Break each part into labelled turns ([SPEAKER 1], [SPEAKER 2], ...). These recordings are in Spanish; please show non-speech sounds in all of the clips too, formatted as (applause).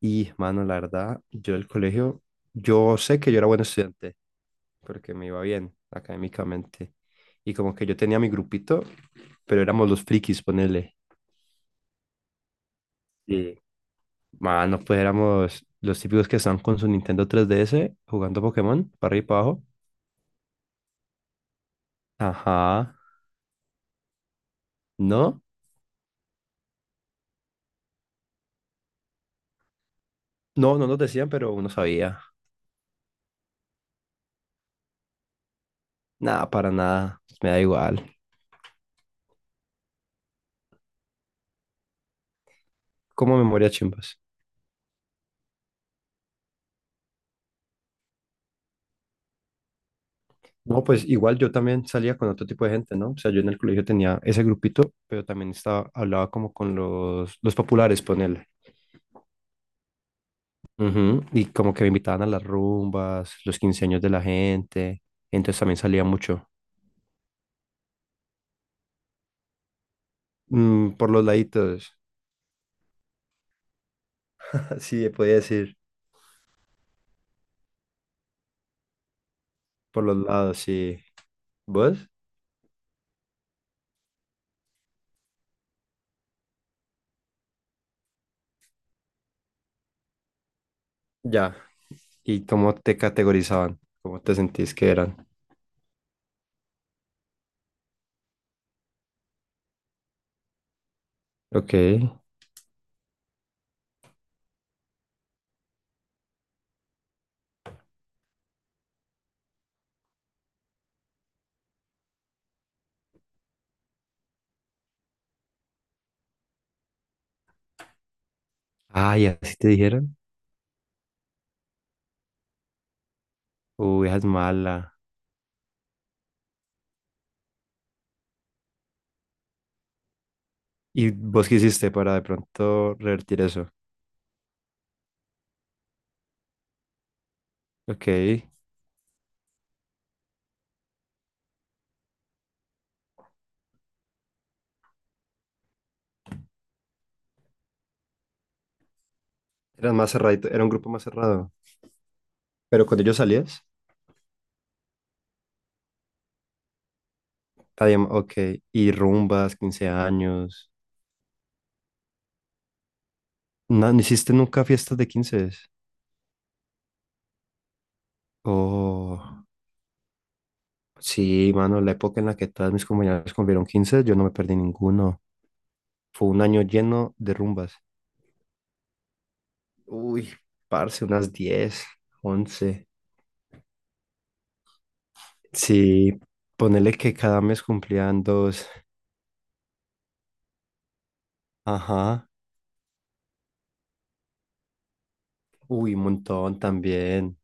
[SPEAKER 1] Y, mano, la verdad, yo del colegio, yo sé que yo era buen estudiante, porque me iba bien académicamente. Y como que yo tenía mi grupito, pero éramos los frikis, ponele. y Mano, pues éramos los típicos que están con su Nintendo 3DS jugando Pokémon, para arriba y para abajo. Ajá. No, no, no nos decían, pero uno sabía. Nada, para nada. Me da igual. Como memoria chimbas. No, pues igual yo también salía con otro tipo de gente, ¿no? O sea, yo en el colegio tenía ese grupito, pero también estaba, hablaba como con los populares, ponele. Ujú. Y como que me invitaban a las rumbas, los quince años de la gente, entonces también salía mucho. Mm, por los laditos, (laughs) sí, podía decir, por los lados, sí. ¿Vos? Ya. ¿Y cómo te categorizaban? ¿Cómo te sentís que eran? Ok. Ay, ¿así te dijeron? Uy, esa es mala. ¿Y vos qué hiciste para de pronto revertir eso? Ok. Eran más cerradito, era un grupo más cerrado. Pero cuando ellos salías, había, ok, y rumbas, 15 años. No, ¿no hiciste nunca fiestas de 15? Oh, sí, mano, la época en la que todas mis compañeras cumplieron 15, yo no me perdí ninguno. Fue un año lleno de rumbas. Uy, parce, unas 10, 11. Sí, ponele que cada mes cumplían dos. Ajá. Uy, un montón también.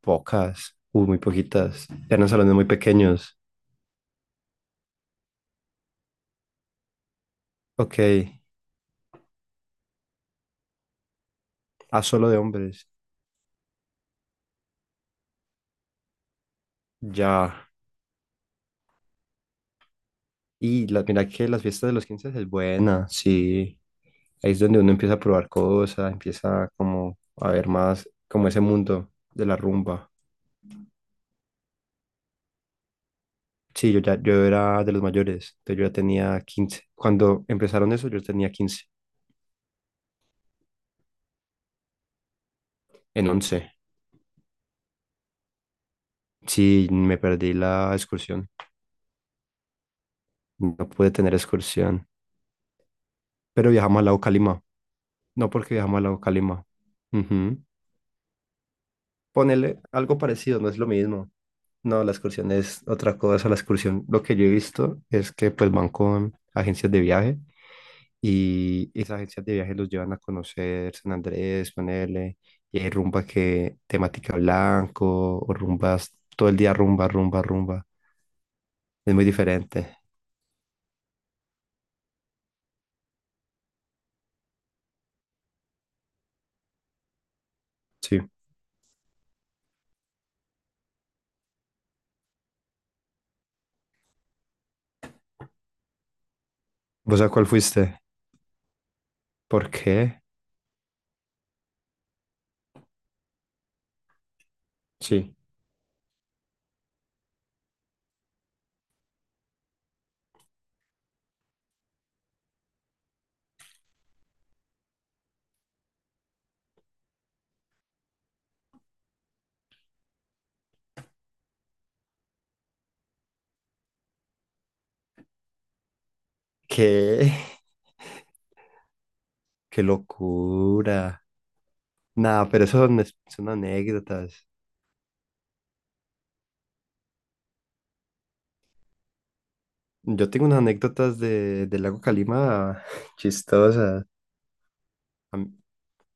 [SPEAKER 1] Pocas, muy poquitas. Eran salones muy pequeños. Ok, ah, solo de hombres. Ya. Y la, mira que las fiestas de los 15 es buena, sí. Ahí es donde uno empieza a probar cosas, empieza como a ver más como ese mundo de la rumba. Sí, yo ya yo era de los mayores, entonces yo ya tenía quince. Cuando empezaron eso, yo tenía 15, en once. Sí, me perdí la excursión. No pude tener excursión. Pero viajamos al lago Calima. No porque viajamos al lago Calima. Ujú. Ponerle algo parecido, no es lo mismo. No, la excursión es otra cosa. La excursión, lo que yo he visto es que pues van con agencias de viaje y esas agencias de viaje los llevan a conocer San Andrés, ponerle, y hay rumba que temática blanco o rumbas, todo el día rumba, rumba, rumba. Es muy diferente. Sí. ¿Vos a cuál fuiste? ¿Por qué? Sí. ¿Qué? (laughs) ¡Qué locura! Nada, pero son anécdotas. Yo tengo unas anécdotas de, del lago Calima (laughs) chistosas. Am-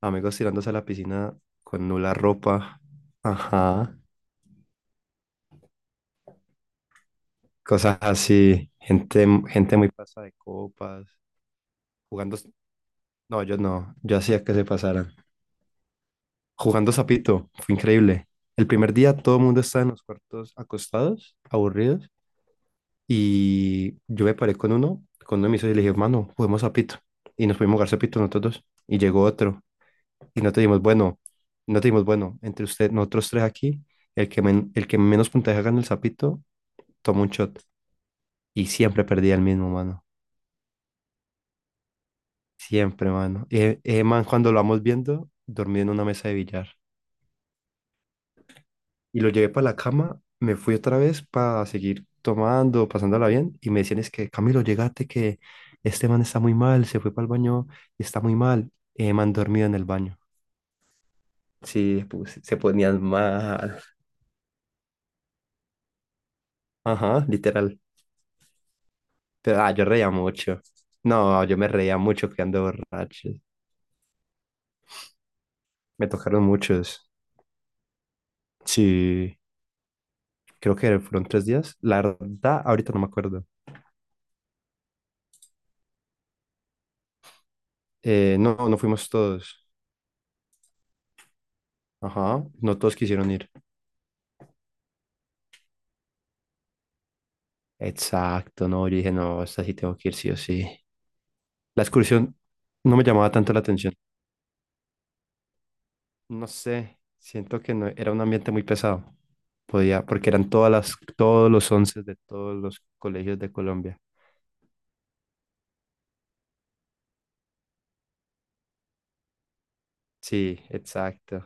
[SPEAKER 1] Amigos tirándose a la piscina con nula ropa. Ajá. Cosas así. Gente muy pasada de copas. Jugando. No, yo no. Yo hacía que se pasaran. Jugando sapito. Fue increíble. El primer día todo el mundo estaba en los cuartos acostados, aburridos. Y yo me paré con uno de mis socios y le dije, mano, juguemos sapito. Y nos pudimos jugar sapito nosotros dos. Y llegó otro. y no tenemos bueno, no tenemos bueno, entre usted, nosotros tres aquí, el que menos puntaje gana el sapito, toma un shot. Y siempre perdía el mismo, mano. Siempre, mano. Ese man, cuando lo vamos viendo, dormía en una mesa de billar. Y lo llevé para la cama, me fui otra vez para seguir tomando, pasándola bien. Y me decían, es que Camilo, llegate que este man está muy mal, se fue para el baño y está muy mal. Ese man dormido en el baño. Sí, pues, se ponían mal. Ajá, literal. Pero, ah, yo reía mucho. No, yo me reía mucho quedando borracho. Me tocaron muchos. Sí, creo que fueron 3 días. La verdad, ahorita no me acuerdo. No, no fuimos todos. Ajá, no todos quisieron ir. Exacto, no, yo dije, no, esta sí tengo que ir, sí o sí. La excursión no me llamaba tanto la atención. No sé, siento que no, era un ambiente muy pesado. Podía, porque eran todos los once de todos los colegios de Colombia. Sí, exacto.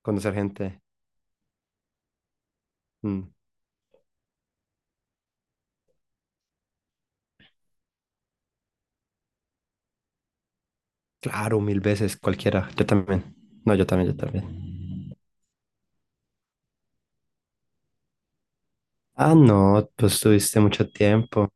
[SPEAKER 1] Conocer gente. Mm. Claro, mil veces, cualquiera. Yo también. No, yo también, yo también. Ah, no, pues tuviste mucho tiempo.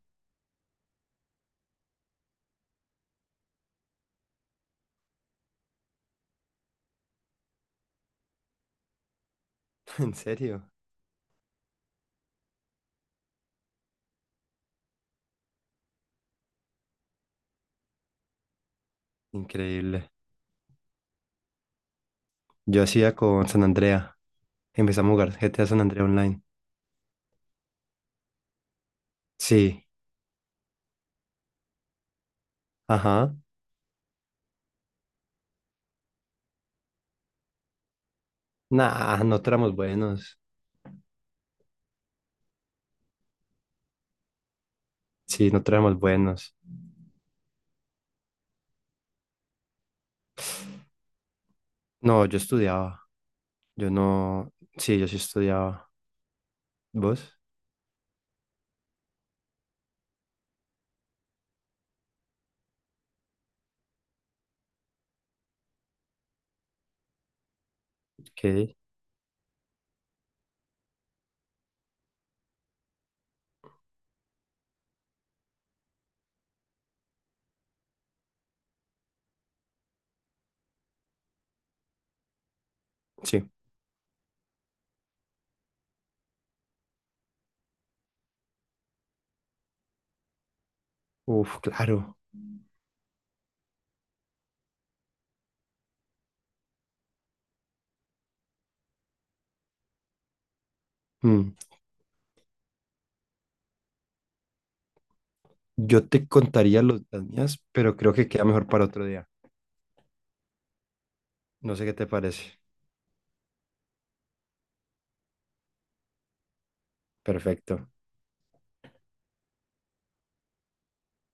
[SPEAKER 1] (laughs) En serio. Increíble. Yo hacía con San Andrea. Empezamos a jugar GTA San Andrea Online. Sí. Ajá. Nah, no éramos buenos. Sí, no éramos buenos. No, yo estudiaba. Yo no. Sí, yo sí estudiaba. ¿Vos? ¿Qué? Sí. Uf, claro. Mm. Yo te contaría los, las mías, pero creo que queda mejor para otro día. No sé qué te parece. Perfecto.